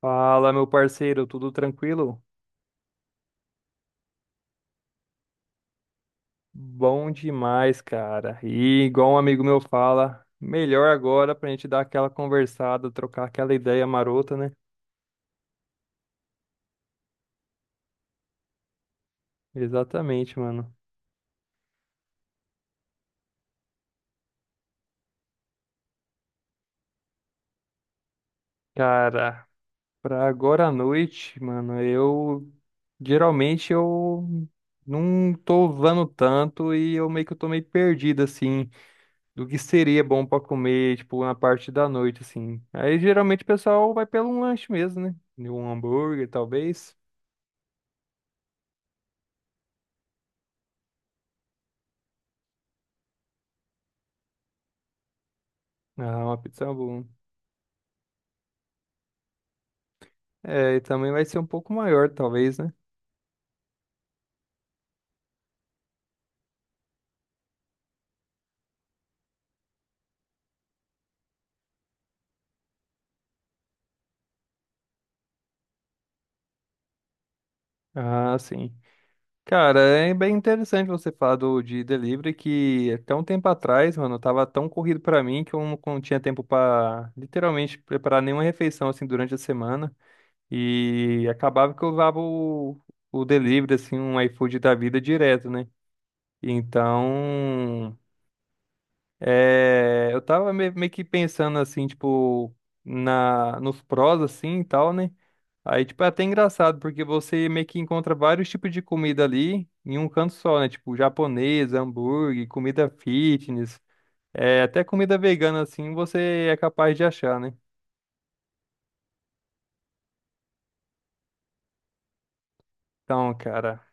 Fala, meu parceiro, tudo tranquilo? Bom demais, cara. E igual um amigo meu fala, melhor agora pra gente dar aquela conversada, trocar aquela ideia marota, né? Exatamente, mano. Cara, pra agora à noite, mano, eu geralmente eu não tô vando tanto e eu meio que eu tô meio perdido assim do que seria bom pra comer, tipo, na parte da noite assim. Aí geralmente o pessoal vai pelo um lanche mesmo, né? Um hambúrguer, talvez. Ah, uma pizza boa. É, e também vai ser um pouco maior, talvez, né? Ah, sim. Cara, é bem interessante você falar do de delivery que até um tempo atrás, mano, tava tão corrido pra mim que eu não tinha tempo pra literalmente preparar nenhuma refeição assim durante a semana e acabava que eu usava o delivery assim, um iFood da vida direto, né? Então, eu tava meio que pensando assim, tipo, na nos prós assim e tal, né? Aí, tipo, é até engraçado, porque você meio que encontra vários tipos de comida ali em um canto só, né? Tipo, japonês, hambúrguer, comida fitness, até comida vegana, assim, você é capaz de achar, né? Então, cara,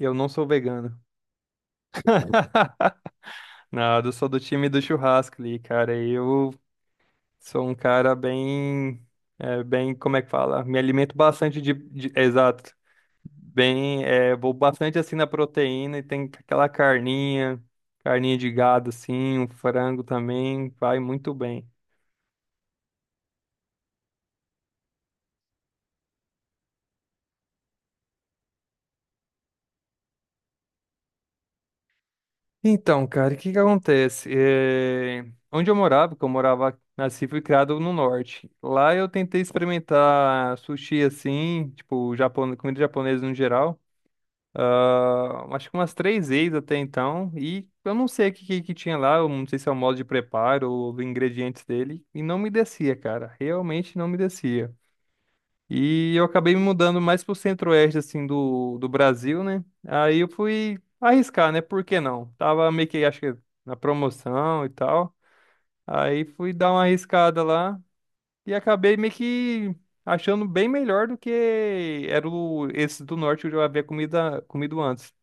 eu não sou vegano. Nada, eu sou do time do churrasco ali, cara. Eu sou um cara bem, como é que fala? Me alimento bastante exato. Bem, vou bastante assim na proteína e tem aquela carninha, carninha de gado assim, um frango também, vai muito bem. Então, cara, o que que acontece? É, onde eu morava, que eu morava, nasci e fui criado no norte. Lá eu tentei experimentar sushi assim, tipo, comida japonesa no geral. Ah, acho que umas três vezes até então. E eu não sei o que tinha lá, eu não sei se é o modo de preparo ou os ingredientes dele. E não me descia, cara. Realmente não me descia. E eu acabei me mudando mais pro centro-oeste, assim, do Brasil, né? Aí eu fui arriscar, né? Por que não? Tava meio que, acho que, na promoção e tal. Aí fui dar uma arriscada lá e acabei meio que achando bem melhor do que era o, esse do norte que eu já havia comido antes.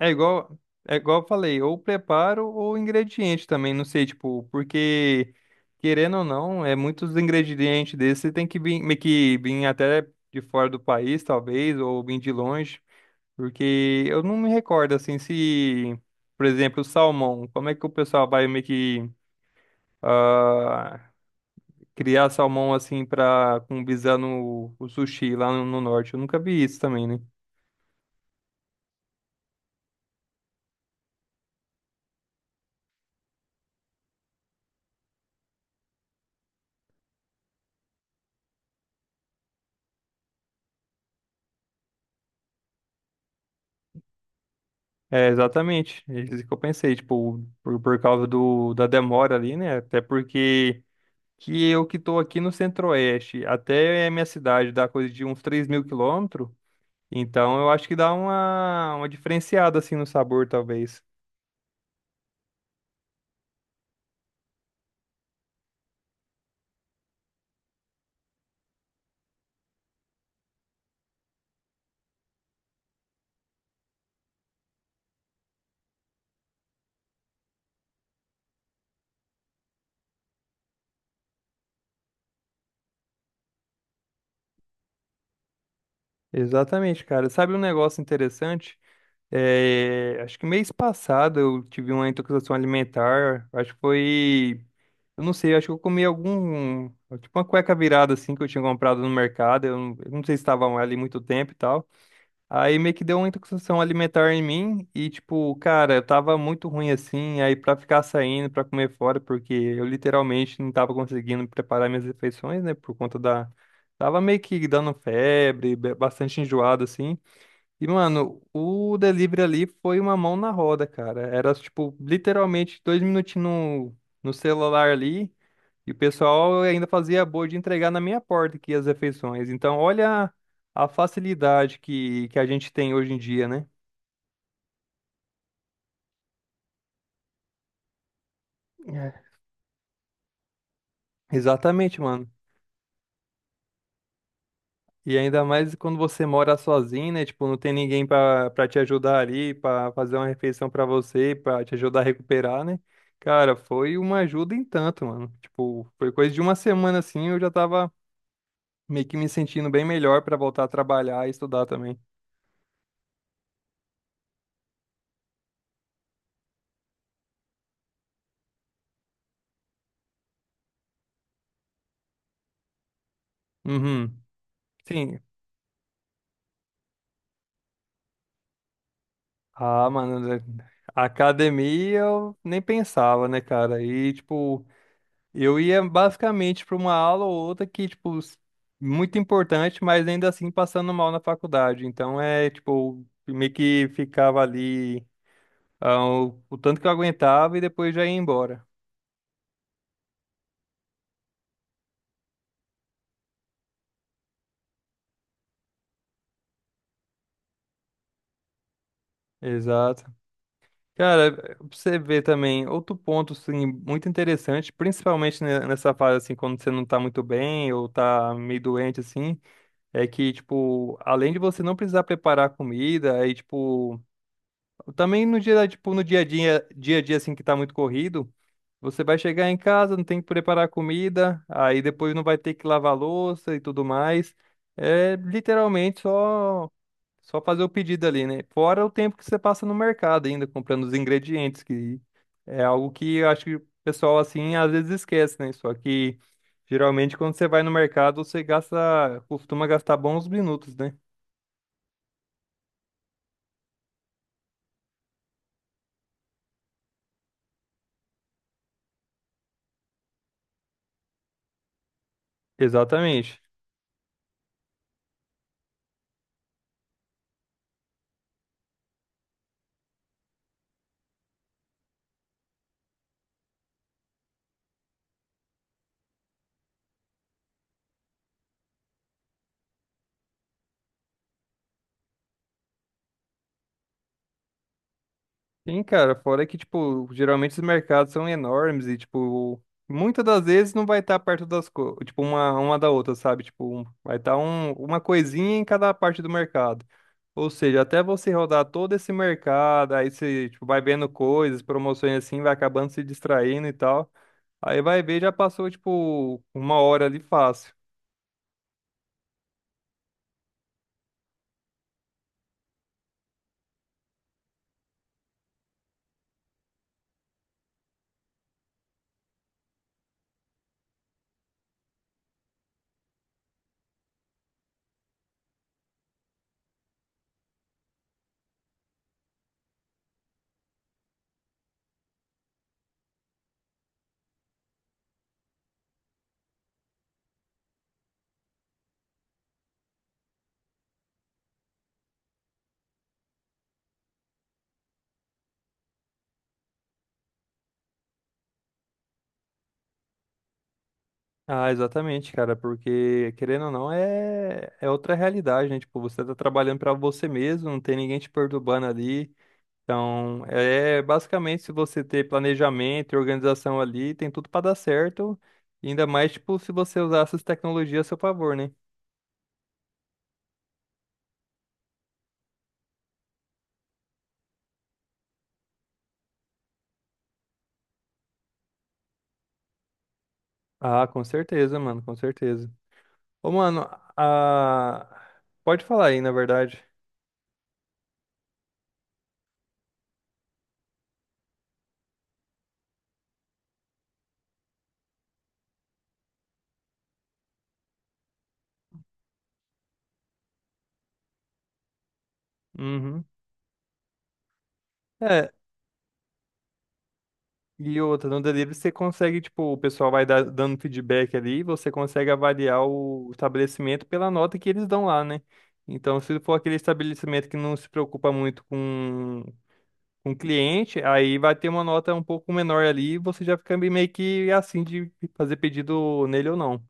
É igual, é igual eu falei, ou preparo ou ingrediente também, não sei, tipo, porque querendo ou não, é muitos ingredientes desses tem que vir, meio que vir até de fora do país, talvez, ou vir de longe, porque eu não me recordo assim se, por exemplo, o salmão, como é que o pessoal vai meio que ah, criar salmão assim para com visando o sushi lá no norte? Eu nunca vi isso também, né? É, exatamente. É isso que eu pensei, tipo, por causa do, da demora ali, né? Até porque que eu que tô aqui no Centro-Oeste, até a minha cidade dá coisa de uns 3.000 quilômetros, então eu acho que dá uma diferenciada, assim, no sabor, talvez. Exatamente, cara. Sabe um negócio interessante? É, acho que mês passado eu tive uma intoxicação alimentar. Acho que foi. Eu não sei, acho que eu comi algum. Tipo uma cueca virada assim que eu tinha comprado no mercado. Eu não sei se estava ali muito tempo e tal. Aí meio que deu uma intoxicação alimentar em mim. E tipo, cara, eu tava muito ruim assim. Aí pra ficar saindo, pra comer fora, porque eu literalmente não tava conseguindo preparar minhas refeições, né? Por conta da. Tava meio que dando febre, bastante enjoado assim. E, mano, o delivery ali foi uma mão na roda, cara. Era, tipo, literalmente 2 minutinhos no celular ali. E o pessoal ainda fazia boa de entregar na minha porta aqui as refeições. Então, olha a facilidade que a gente tem hoje em dia, né? É. Exatamente, mano. E ainda mais quando você mora sozinho, né? Tipo, não tem ninguém pra para te ajudar ali, pra fazer uma refeição pra você, pra te ajudar a recuperar, né? Cara, foi uma ajuda em tanto, mano. Tipo, foi coisa de uma semana assim, eu já tava meio que me sentindo bem melhor pra voltar a trabalhar e estudar também. Uhum. Sim. Ah, mano, né, academia eu nem pensava, né, cara? E tipo, eu ia basicamente para uma aula ou outra que, tipo, muito importante, mas ainda assim passando mal na faculdade. Então é, tipo, meio que ficava ali o tanto que eu aguentava e depois já ia embora. Exato. Cara, pra você ver também, outro ponto, assim, muito interessante, principalmente nessa fase, assim, quando você não tá muito bem ou tá meio doente, assim, é que, tipo, além de você não precisar preparar comida, aí, tipo, também no dia, tipo, no dia a dia assim que tá muito corrido, você vai chegar em casa, não tem que preparar comida, aí depois não vai ter que lavar louça e tudo mais. É literalmente só fazer o pedido ali, né? Fora o tempo que você passa no mercado ainda comprando os ingredientes, que é algo que eu acho que o pessoal assim às vezes esquece, né? Só que geralmente quando você vai no mercado, você gasta, costuma gastar bons minutos, né? Exatamente. Sim, cara, fora que, tipo, geralmente os mercados são enormes e, tipo, muitas das vezes não vai estar perto das coisas, tipo, uma da outra, sabe? Tipo, vai estar uma coisinha em cada parte do mercado. Ou seja, até você rodar todo esse mercado, aí você, tipo, vai vendo coisas, promoções assim, vai acabando se distraindo e tal. Aí vai ver, já passou, tipo, uma hora ali fácil. Ah, exatamente, cara, porque querendo ou não é outra realidade, né? Tipo, você tá trabalhando pra você mesmo, não tem ninguém te perturbando ali. Então, é basicamente se você ter planejamento e organização ali, tem tudo para dar certo. E ainda mais, tipo, se você usar essas tecnologias a seu favor, né? Ah, com certeza, mano, com certeza. Ô, mano, a... pode falar aí, na verdade. Uhum. É, e outra, no delivery você consegue, tipo, o pessoal vai dando feedback ali, você consegue avaliar o estabelecimento pela nota que eles dão lá, né? Então, se for aquele estabelecimento que não se preocupa muito com o cliente, aí vai ter uma nota um pouco menor ali, e você já fica meio que assim de fazer pedido nele ou não.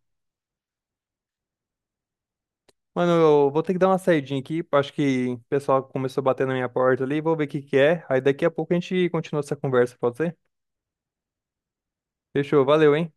Mano, eu vou ter que dar uma saidinha aqui, acho que o pessoal começou a bater na minha porta ali, vou ver o que que é, aí daqui a pouco a gente continua essa conversa, pode ser? Fechou, valeu, hein?